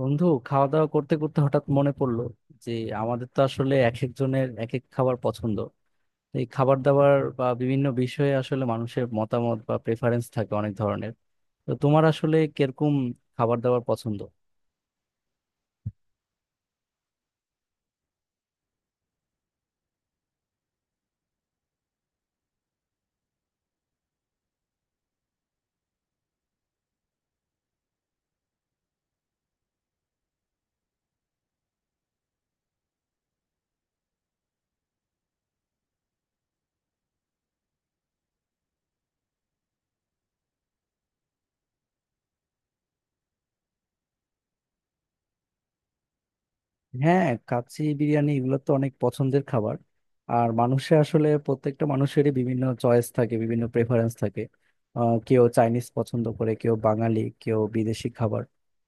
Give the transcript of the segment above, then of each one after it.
বন্ধু, খাওয়া দাওয়া করতে করতে হঠাৎ মনে পড়লো যে আমাদের তো আসলে এক একজনের এক এক খাবার পছন্দ। এই খাবার দাবার বা বিভিন্ন বিষয়ে আসলে মানুষের মতামত বা প্রেফারেন্স থাকে অনেক ধরনের। তো তোমার আসলে কিরকম খাবার দাবার পছন্দ? হ্যাঁ, কাচ্চি বিরিয়ানি এগুলো তো অনেক পছন্দের খাবার। আর মানুষের আসলে প্রত্যেকটা মানুষেরই বিভিন্ন চয়েস থাকে, বিভিন্ন প্রেফারেন্স থাকে। কেউ চাইনিজ পছন্দ করে, কেউ বাঙালি, কেউ বিদেশি খাবার।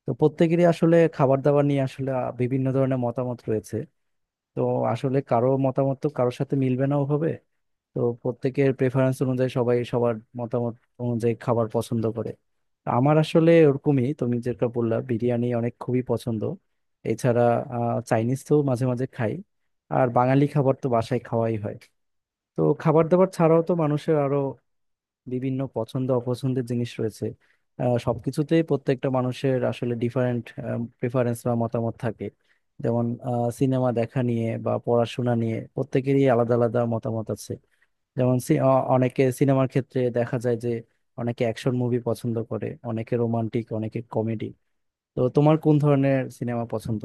তো প্রত্যেকেরই আসলে খাবার দাবার নিয়ে আসলে বিভিন্ন ধরনের মতামত রয়েছে। তো আসলে কারো মতামত তো কারোর সাথে মিলবে না ওভাবে। তো প্রত্যেকের প্রেফারেন্স অনুযায়ী সবাই সবার মতামত অনুযায়ী খাবার পছন্দ করে। আমার আসলে ওরকমই, তুমি যেটা বললা বিরিয়ানি অনেক খুবই পছন্দ। এছাড়া চাইনিজ তো মাঝে মাঝে খাই, আর বাঙালি খাবার তো বাসায় খাওয়াই হয়। তো খাবার দাবার ছাড়াও তো মানুষের আরো বিভিন্ন পছন্দ অপছন্দের জিনিস রয়েছে। সবকিছুতেই প্রত্যেকটা মানুষের আসলে ডিফারেন্ট প্রেফারেন্স বা মতামত থাকে। যেমন সিনেমা দেখা নিয়ে বা পড়াশোনা নিয়ে প্রত্যেকেরই আলাদা আলাদা মতামত আছে। যেমন অনেকে সিনেমার ক্ষেত্রে দেখা যায় যে অনেকে অ্যাকশন মুভি পছন্দ করে, অনেকে রোমান্টিক, অনেকে কমেডি। তো তোমার কোন ধরনের সিনেমা পছন্দ?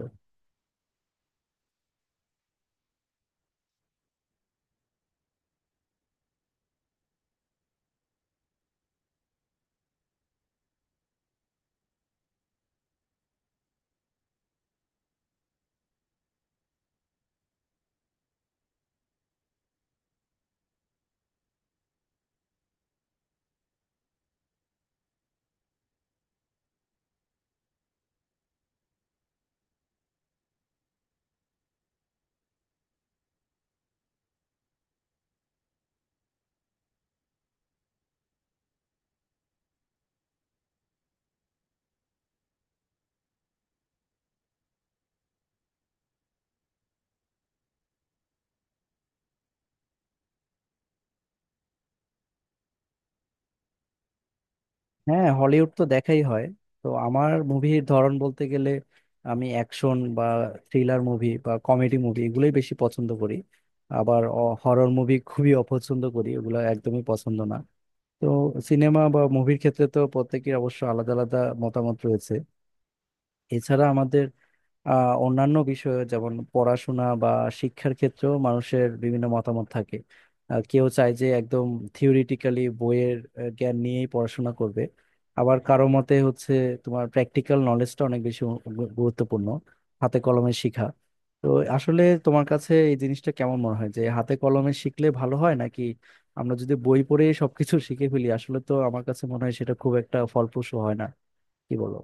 হ্যাঁ, হলিউড তো দেখাই হয়। তো আমার মুভির ধরন বলতে গেলে আমি অ্যাকশন বা থ্রিলার মুভি বা কমেডি মুভি এগুলোই বেশি পছন্দ করি। আবার হরর মুভি খুবই অপছন্দ করি, এগুলো একদমই পছন্দ না। তো সিনেমা বা মুভির ক্ষেত্রে তো প্রত্যেকের অবশ্য আলাদা আলাদা মতামত রয়েছে। এছাড়া আমাদের অন্যান্য বিষয়ে যেমন পড়াশোনা বা শিক্ষার ক্ষেত্রেও মানুষের বিভিন্ন মতামত থাকে। কেউ চায় যে একদম থিওরিটিক্যালি বইয়ের জ্ঞান নিয়েই পড়াশোনা করবে। আবার কারো মতে হচ্ছে তোমার প্র্যাকটিক্যাল নলেজটা অনেক বেশি গুরুত্বপূর্ণ, হাতে কলমে শিখা। তো আসলে তোমার কাছে এই জিনিসটা কেমন মনে হয়, যে হাতে কলমে শিখলে ভালো হয় নাকি আমরা যদি বই পড়ে সবকিছু শিখে ফেলি? আসলে তো আমার কাছে মনে হয় সেটা খুব একটা ফলপ্রসূ হয় না। কি বলো?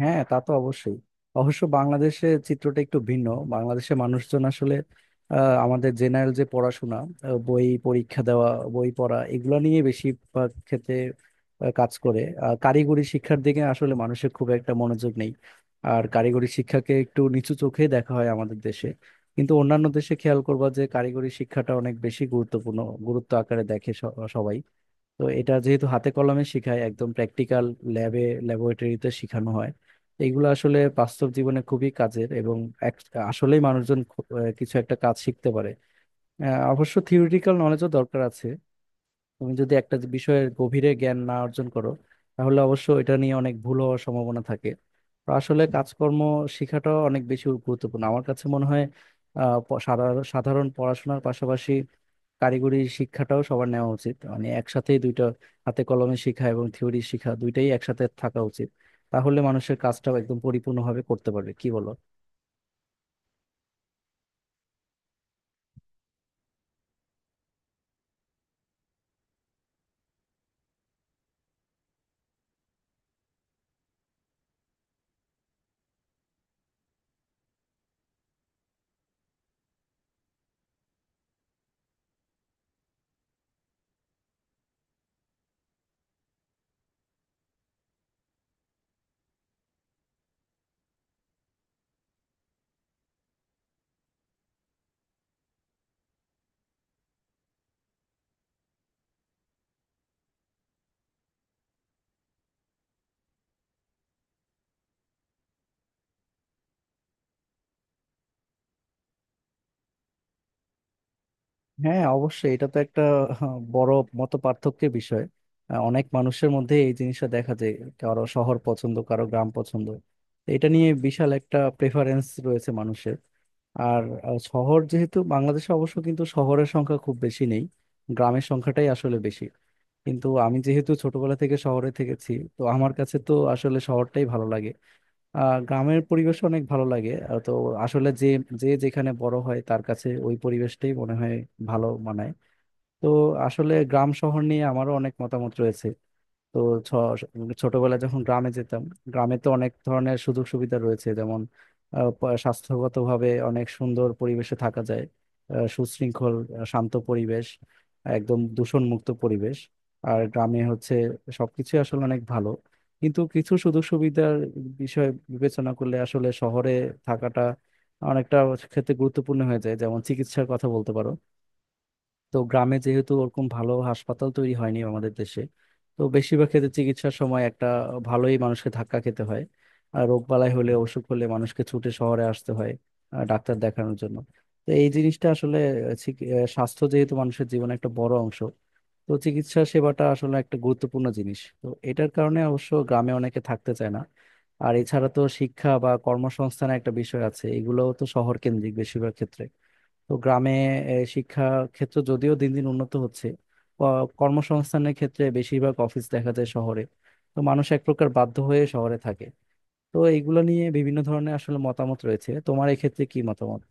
হ্যাঁ, তা তো অবশ্যই। অবশ্য বাংলাদেশে চিত্রটা একটু ভিন্ন। বাংলাদেশে মানুষজন আসলে আমাদের জেনারেল যে পড়াশোনা, বই পরীক্ষা দেওয়া, বই পড়া এগুলো নিয়ে বেশিরভাগ ক্ষেত্রে কাজ করে। আর কারিগরি শিক্ষার দিকে আসলে মানুষের খুব একটা মনোযোগ নেই। আর কারিগরি শিক্ষাকে একটু নিচু চোখে দেখা হয় আমাদের দেশে। কিন্তু অন্যান্য দেশে খেয়াল করবা যে কারিগরি শিক্ষাটা অনেক বেশি গুরুত্বপূর্ণ, গুরুত্ব আকারে দেখে সবাই। তো এটা যেহেতু হাতে কলমে শেখায়, একদম প্র্যাকটিক্যাল ল্যাবে, ল্যাবরেটরিতে শেখানো হয়। তো এগুলো আসলে বাস্তব জীবনে খুবই কাজের এবং এক- আসলেই মানুষজন কিছু একটা কাজ শিখতে পারে। অবশ্য থিওরিটিক্যাল নলেজও দরকার আছে। তুমি যদি একটা বিষয়ের গভীরে জ্ঞান না অর্জন করো, তাহলে অবশ্য এটা নিয়ে অনেক ভুল হওয়ার সম্ভাবনা থাকে। তো আসলে কাজকর্ম শেখাটাও অনেক বেশি গুরুত্বপূর্ণ আমার কাছে মনে হয়। সাধারণ সাধারণ পড়াশোনার পাশাপাশি কারিগরি শিক্ষাটাও সবার নেওয়া উচিত, মানে একসাথেই দুইটা, হাতে কলমে শিখা এবং থিওরি শিখা দুইটাই একসাথে থাকা উচিত। তাহলে মানুষের কাজটাও একদম পরিপূর্ণভাবে করতে পারবে। কি বলো? হ্যাঁ, অবশ্যই। এটা তো একটা আহ, বড় মত পার্থক্যের বিষয়। অনেক মানুষের মধ্যে এই জিনিসটা দেখা যায়, কারো শহর পছন্দ, কারো গ্রাম পছন্দ। তো এটা নিয়ে বিশাল একটা প্রেফারেন্স রয়েছে মানুষের। আর শহর যেহেতু বাংলাদেশে, অবশ্য কিন্তু শহরের সংখ্যা খুব বেশি নেই, গ্রামের সংখ্যাটাই আসলে বেশি। কিন্তু আমি যেহেতু ছোটবেলা থেকে শহরে থেকেছি, তো আমার কাছে তো আসলে শহরটাই ভালো লাগে। গ্রামের পরিবেশ অনেক ভালো লাগে। তো আসলে যে যে যেখানে বড় হয় তার কাছে ওই পরিবেশটাই মনে হয় ভালো মানায়। তো আসলে গ্রাম শহর নিয়ে আমারও অনেক মতামত রয়েছে। তো ছ- ছোটবেলায় যখন গ্রামে যেতাম, গ্রামে তো অনেক ধরনের সুযোগ সুবিধা রয়েছে, যেমন স্বাস্থ্যগতভাবে অনেক সুন্দর পরিবেশে থাকা যায়। সুশৃঙ্খল, শান্ত পরিবেশ, একদম দূষণমুক্ত পরিবেশ। আর গ্রামে হচ্ছে সবকিছু আসলে অনেক ভালো। কিন্তু কিছু সুযোগ সুবিধার বিষয় বিবেচনা করলে আসলে শহরে থাকাটা অনেকটা ক্ষেত্রে গুরুত্বপূর্ণ হয়ে যায়, যেমন চিকিৎসার কথা বলতে পারো। তো গ্রামে যেহেতু ওরকম ভালো হাসপাতাল তৈরি হয়নি আমাদের দেশে, তো বেশিরভাগ ক্ষেত্রে চিকিৎসার সময় একটা ভালোই মানুষকে ধাক্কা খেতে হয়। আর রোগ বালাই হলে, অসুখ হলে মানুষকে ছুটে শহরে আসতে হয় ডাক্তার দেখানোর জন্য। তো এই জিনিসটা আসলে, স্বাস্থ্য যেহেতু মানুষের জীবনে একটা বড় অংশ, তো চিকিৎসা সেবাটা আসলে একটা গুরুত্বপূর্ণ জিনিস, তো এটার কারণে অবশ্য গ্রামে অনেকে থাকতে চায় না। আর এছাড়া তো শিক্ষা বা কর্মসংস্থানের একটা বিষয় আছে, এগুলোও তো শহর কেন্দ্রিক বেশিরভাগ ক্ষেত্রে। তো গ্রামে শিক্ষা ক্ষেত্র যদিও দিন দিন উন্নত হচ্ছে, কর্মসংস্থানের ক্ষেত্রে বেশিরভাগ অফিস দেখা যায় শহরে। তো মানুষ এক প্রকার বাধ্য হয়ে শহরে থাকে। তো এইগুলো নিয়ে বিভিন্ন ধরনের আসলে মতামত রয়েছে, তোমার এক্ষেত্রে কি মতামত?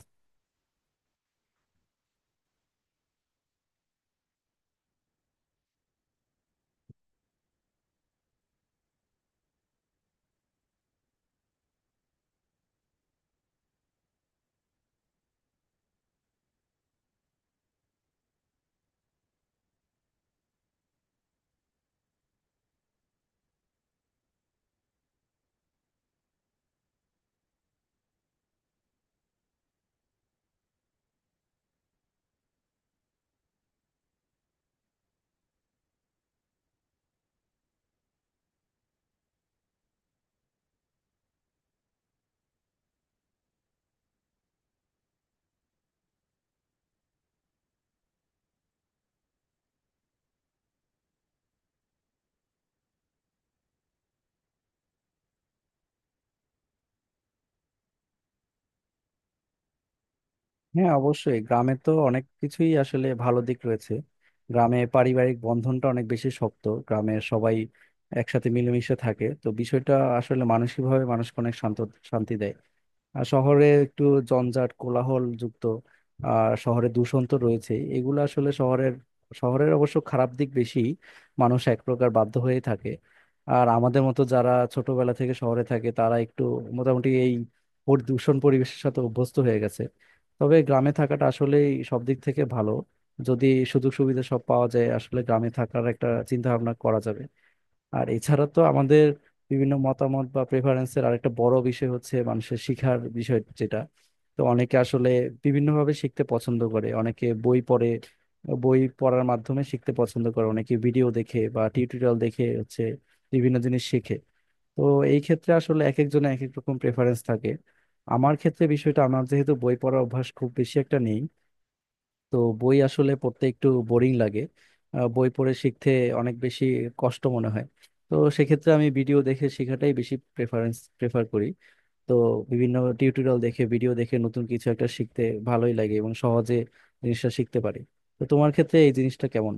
হ্যাঁ, অবশ্যই গ্রামে তো অনেক কিছুই আসলে ভালো দিক রয়েছে। গ্রামে পারিবারিক বন্ধনটা অনেক বেশি শক্ত, গ্রামের সবাই একসাথে মিলেমিশে থাকে। তো বিষয়টা আসলে মানসিকভাবে মানুষকে অনেক শান্ত, শান্তি দেয়। আর শহরে একটু জঞ্জাট কোলাহল যুক্ত। আর শহরে দূষণ তো রয়েছে, এগুলো আসলে শহরের শহরের অবশ্য খারাপ দিক বেশি। মানুষ এক প্রকার বাধ্য হয়ে থাকে। আর আমাদের মতো যারা ছোটবেলা থেকে শহরে থাকে, তারা একটু মোটামুটি এই দূষণ পরিবেশের সাথে অভ্যস্ত হয়ে গেছে। তবে গ্রামে থাকাটা আসলে সব দিক থেকে ভালো। যদি সুযোগ সুবিধা সব পাওয়া যায়, আসলে গ্রামে থাকার একটা চিন্তা ভাবনা করা যাবে। আর এছাড়া তো আমাদের বিভিন্ন মতামত বা প্রেফারেন্সের আরেকটা বড় বিষয় হচ্ছে মানুষের শিখার বিষয় যেটা। তো অনেকে আসলে বিভিন্নভাবে শিখতে পছন্দ করে, অনেকে বই পড়ে, বই পড়ার মাধ্যমে শিখতে পছন্দ করে, অনেকে ভিডিও দেখে বা টিউটোরিয়াল দেখে হচ্ছে বিভিন্ন জিনিস শেখে। তো এই ক্ষেত্রে আসলে এক একজনের এক এক রকম প্রেফারেন্স থাকে। আমার ক্ষেত্রে বিষয়টা, আমার যেহেতু বই পড়ার অভ্যাস খুব বেশি একটা নেই, তো বই আসলে পড়তে একটু বোরিং লাগে। বই পড়ে শিখতে অনেক বেশি কষ্ট মনে হয়। তো সেক্ষেত্রে আমি ভিডিও দেখে শেখাটাই বেশি প্রেফার করি। তো বিভিন্ন টিউটোরিয়াল দেখে, ভিডিও দেখে নতুন কিছু একটা শিখতে ভালোই লাগে এবং সহজে জিনিসটা শিখতে পারি। তো তোমার ক্ষেত্রে এই জিনিসটা কেমন?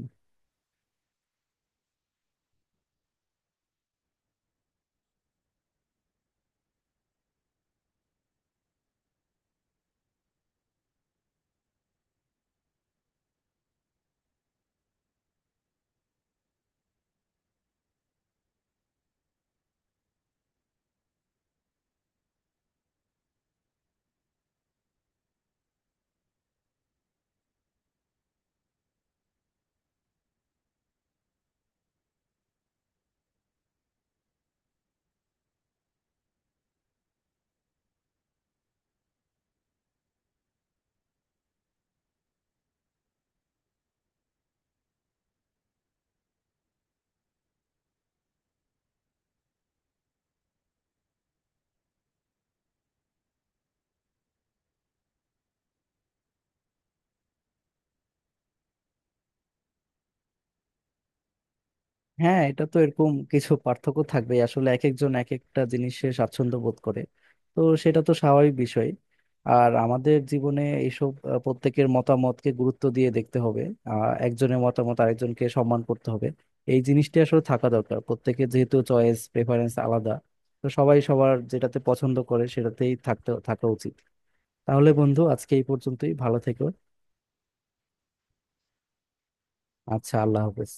হ্যাঁ, এটা তো এরকম কিছু পার্থক্য থাকবে। আসলে এক একজন এক একটা জিনিসে স্বাচ্ছন্দ্য বোধ করে, তো সেটা তো স্বাভাবিক বিষয়। আর আমাদের জীবনে এইসব প্রত্যেকের মতামতকে গুরুত্ব দিয়ে দেখতে হবে। একজনের মতামত আরেকজনকে সম্মান করতে হবে। এই জিনিসটি আসলে থাকা দরকার প্রত্যেকের, যেহেতু চয়েস প্রেফারেন্স আলাদা। তো সবাই সবার যেটাতে পছন্দ করে সেটাতেই থাকা উচিত। তাহলে বন্ধু আজকে এই পর্যন্তই, ভালো থেকো। আচ্ছা, আল্লাহ হাফেজ।